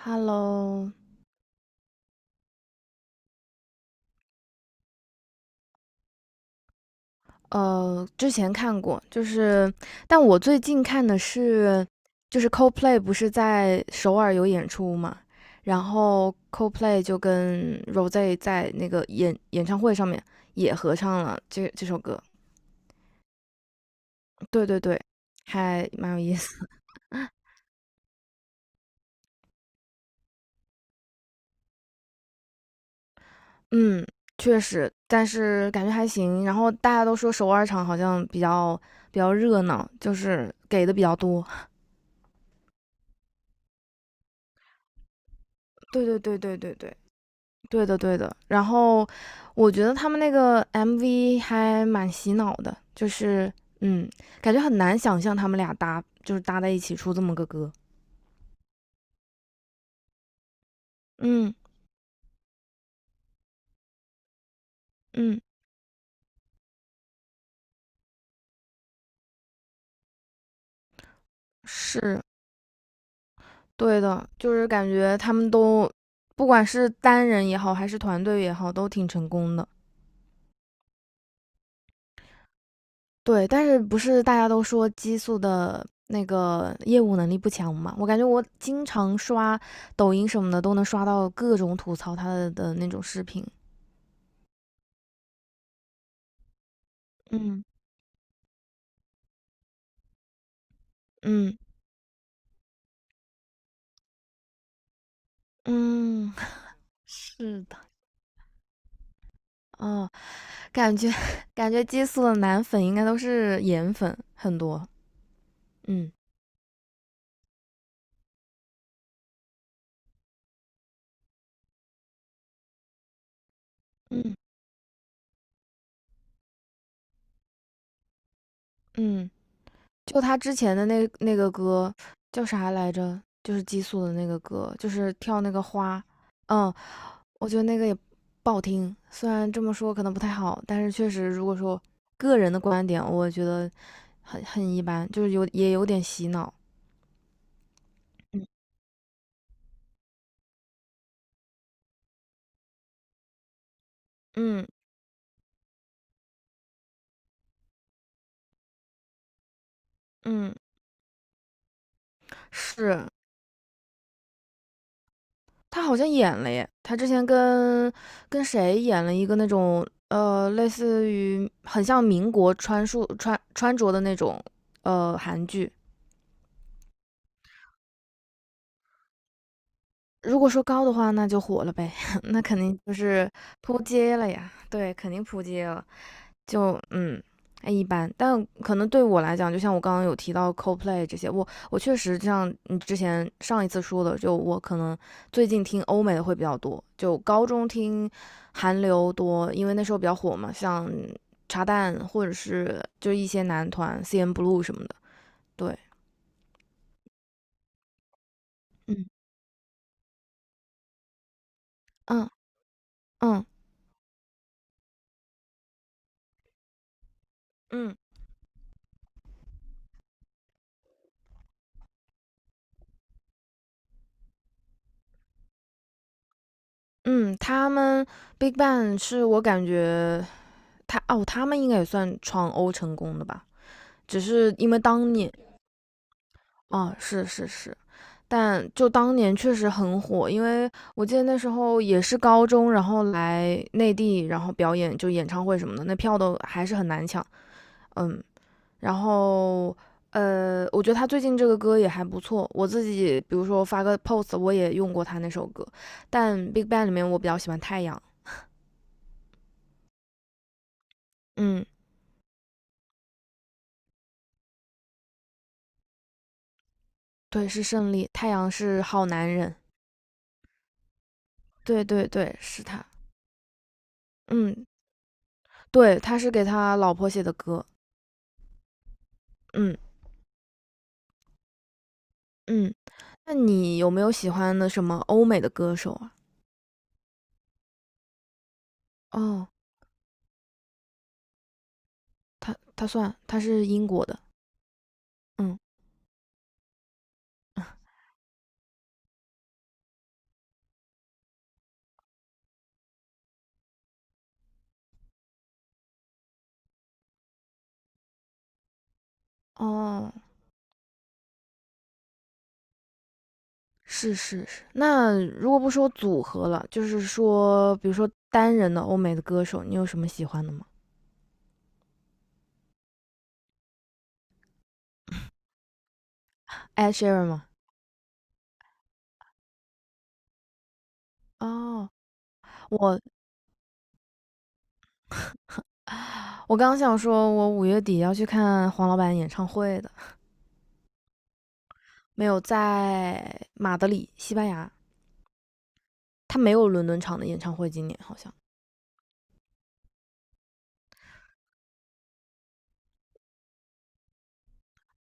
Hello，之前看过，就是，但我最近看的是，就是 Coldplay 不是在首尔有演出嘛。然后 Coldplay 就跟 r o s e 在那个演唱会上面也合唱了这首歌，对对对，还蛮有意思。嗯，确实，但是感觉还行。然后大家都说首尔场好像比较热闹，就是给的比较多。对对对对对对。对的，对的。然后我觉得他们那个 MV 还蛮洗脑的，嗯，感觉很难想象他们俩搭就是搭在一起出这么个歌。嗯嗯，是对的，就是感觉他们都不管是单人也好，还是团队也好，都挺成功的。对，但是不是大家都说激素的那个业务能力不强嘛？我感觉我经常刷抖音什么的，都能刷到各种吐槽他的那种视频。嗯嗯，嗯，是的，哦，感觉 感觉激素的男粉应该都是颜粉很多，嗯嗯嗯，就他之前的那个歌叫啥来着？就是激素的那个歌，就是跳那个花，嗯，我觉得那个也不好听。虽然这么说可能不太好，但是确实，如果说个人的观点，我觉得很一般，就是有也有点洗脑。嗯嗯嗯，是，他好像演了耶，他之前跟谁演了一个那种，类似于很像民国穿束穿穿着的那种韩剧。如果说高的话，那就火了呗，那肯定就是扑街了呀，对，肯定扑街了。就嗯，哎一般，但可能对我来讲，就像我刚刚有提到 c o l p l a y 这些，我确实就像你之前上一次说的，就我可能最近听欧美的会比较多，就高中听韩流多，因为那时候比较火嘛，像茶蛋或者是就一些男团 CN Blue 什么的，对，嗯，嗯嗯嗯嗯，他们 Big Bang 是我感觉他们应该也算闯欧成功的吧。只是因为当年。啊，是是是，但就当年确实很火，因为我记得那时候也是高中，然后来内地，然后表演就演唱会什么的，那票都还是很难抢，嗯，然后我觉得他最近这个歌也还不错，我自己比如说发个 post，我也用过他那首歌，但 BigBang 里面我比较喜欢太阳，嗯，对，是胜利，太阳是好男人，对对对，是他，嗯，对，他是给他老婆写的歌，嗯嗯。那你有没有喜欢的什么欧美的歌手啊？哦，他算他是英国的，嗯，哦，是是是。那如果不说组合了，就是说，比如说单人的欧美的歌手，你有什么喜欢的吗？Ed Sheeran 吗？哦，我我刚想说，我五月底要去看黄老板演唱会的，没有在马德里，西班牙。他没有伦敦场的演唱会，今年好像。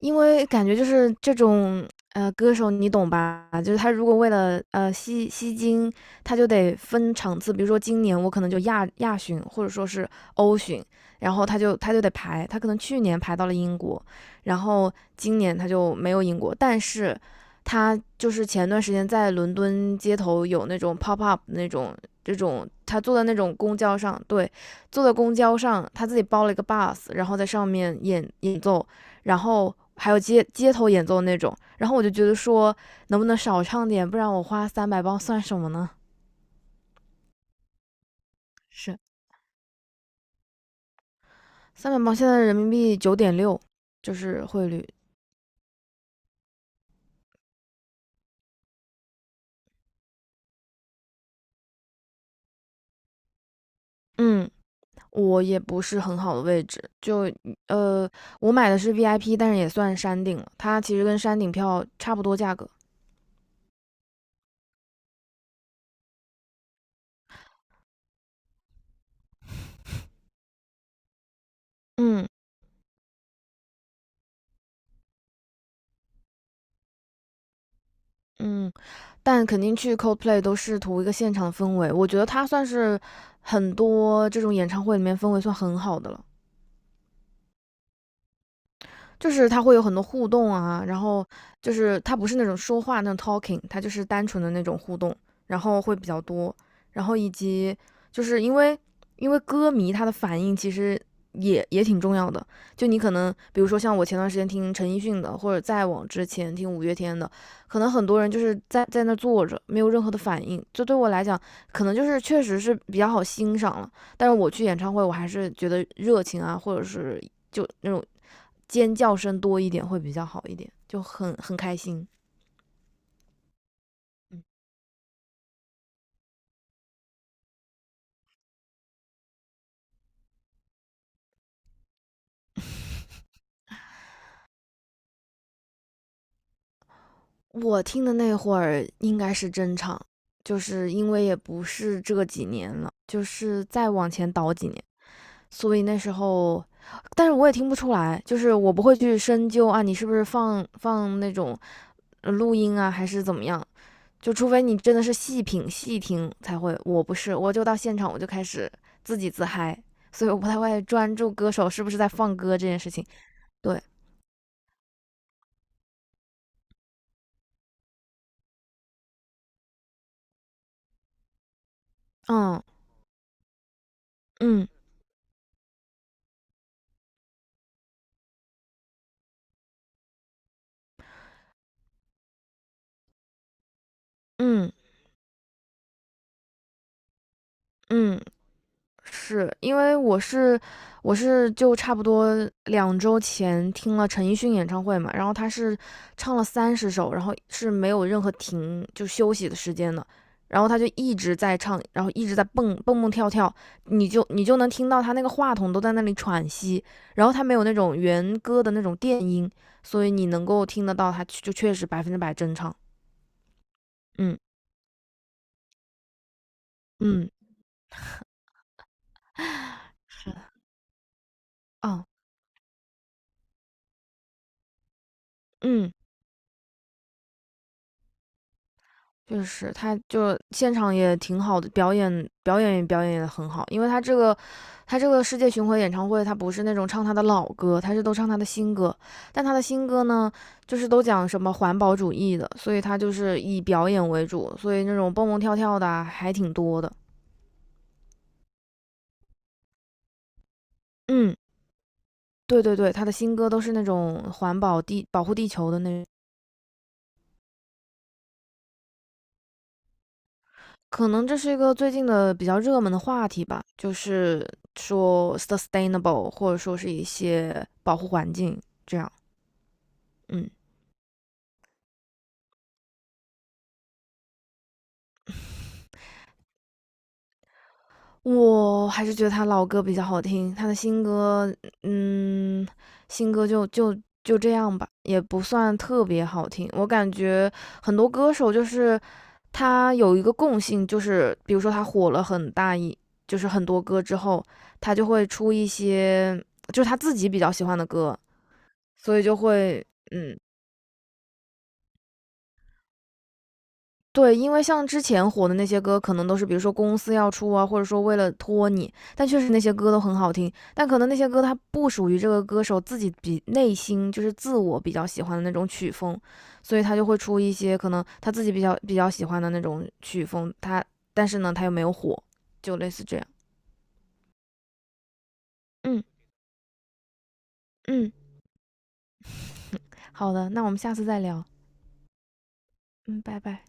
因为感觉就是这种歌手，你懂吧？就是他如果为了吸金，他就得分场次，比如说今年我可能就亚巡或者说是欧巡，然后他就得排，他可能去年排到了英国，然后今年他就没有英国，但是他就是前段时间在伦敦街头有那种 pop up 那种这种，他坐在那种公交上，对，坐在公交上，他自己包了一个 bus，然后在上面演奏。然后还有街头演奏那种。然后我就觉得说，能不能少唱点，不然我花三百磅算什么呢？是三百磅，现在人民币9.6，就是汇率。嗯，我也不是很好的位置，就呃，我买的是 VIP，但是也算山顶了，它其实跟山顶票差不多价格。嗯嗯，但肯定去 Coldplay 都是图一个现场氛围，我觉得它算是很多这种演唱会里面氛围算很好的了。就是他会有很多互动啊，然后就是他不是那种说话那种 talking，他就是单纯的那种互动，然后会比较多，然后以及就是因为歌迷他的反应其实也挺重要的，就你可能比如说像我前段时间听陈奕迅的，或者再往之前听五月天的，可能很多人就是在那坐着没有任何的反应，这对我来讲可能就是确实是比较好欣赏了，但是我去演唱会我还是觉得热情啊，或者是。就那种尖叫声多一点会比较好一点，就很开心。嗯，我听的那会儿应该是真唱，就是因为也不是这几年了，就是再往前倒几年，所以那时候，但是我也听不出来，就是我不会去深究啊，你是不是放那种录音啊，还是怎么样？就除非你真的是细品细听才会，我不是，我就到现场我就开始自己自嗨，所以我不太会专注歌手是不是在放歌这件事情。对，嗯嗯嗯嗯，是因为我是就差不多两周前听了陈奕迅演唱会嘛，然后他是唱了30首，然后是没有任何停就休息的时间的，然后他就一直在唱，然后一直在蹦蹦跳跳，你就能听到他那个话筒都在那里喘息，然后他没有那种原歌的那种电音，所以你能够听得到他就确实100%真唱，嗯嗯哦嗯。确实，他就现场也挺好的，表演也很好，因为他这个世界巡回演唱会，他不是那种唱他的老歌，他是都唱他的新歌，但他的新歌呢，就是都讲什么环保主义的，所以他就是以表演为主，所以那种蹦蹦跳跳的啊还挺多的。嗯，对对对，他的新歌都是那种环保地保护地球的那可能这是一个最近的比较热门的话题吧，就是说 sustainable，或者说是一些保护环境这样。嗯，我还是觉得他老歌比较好听，他的新歌，嗯，新歌就这样吧，也不算特别好听。我感觉很多歌手就是他有一个共性，就是比如说他火了很大一，就是很多歌之后，他就会出一些就是他自己比较喜欢的歌，所以就会嗯，对，因为像之前火的那些歌，可能都是比如说公司要出啊，或者说为了托你，但确实那些歌都很好听，但可能那些歌它不属于这个歌手自己比内心就是自我比较喜欢的那种曲风，所以他就会出一些可能他自己比较喜欢的那种曲风，他但是呢他又没有火，就类似这样。嗯嗯，好的，那我们下次再聊。嗯，拜拜。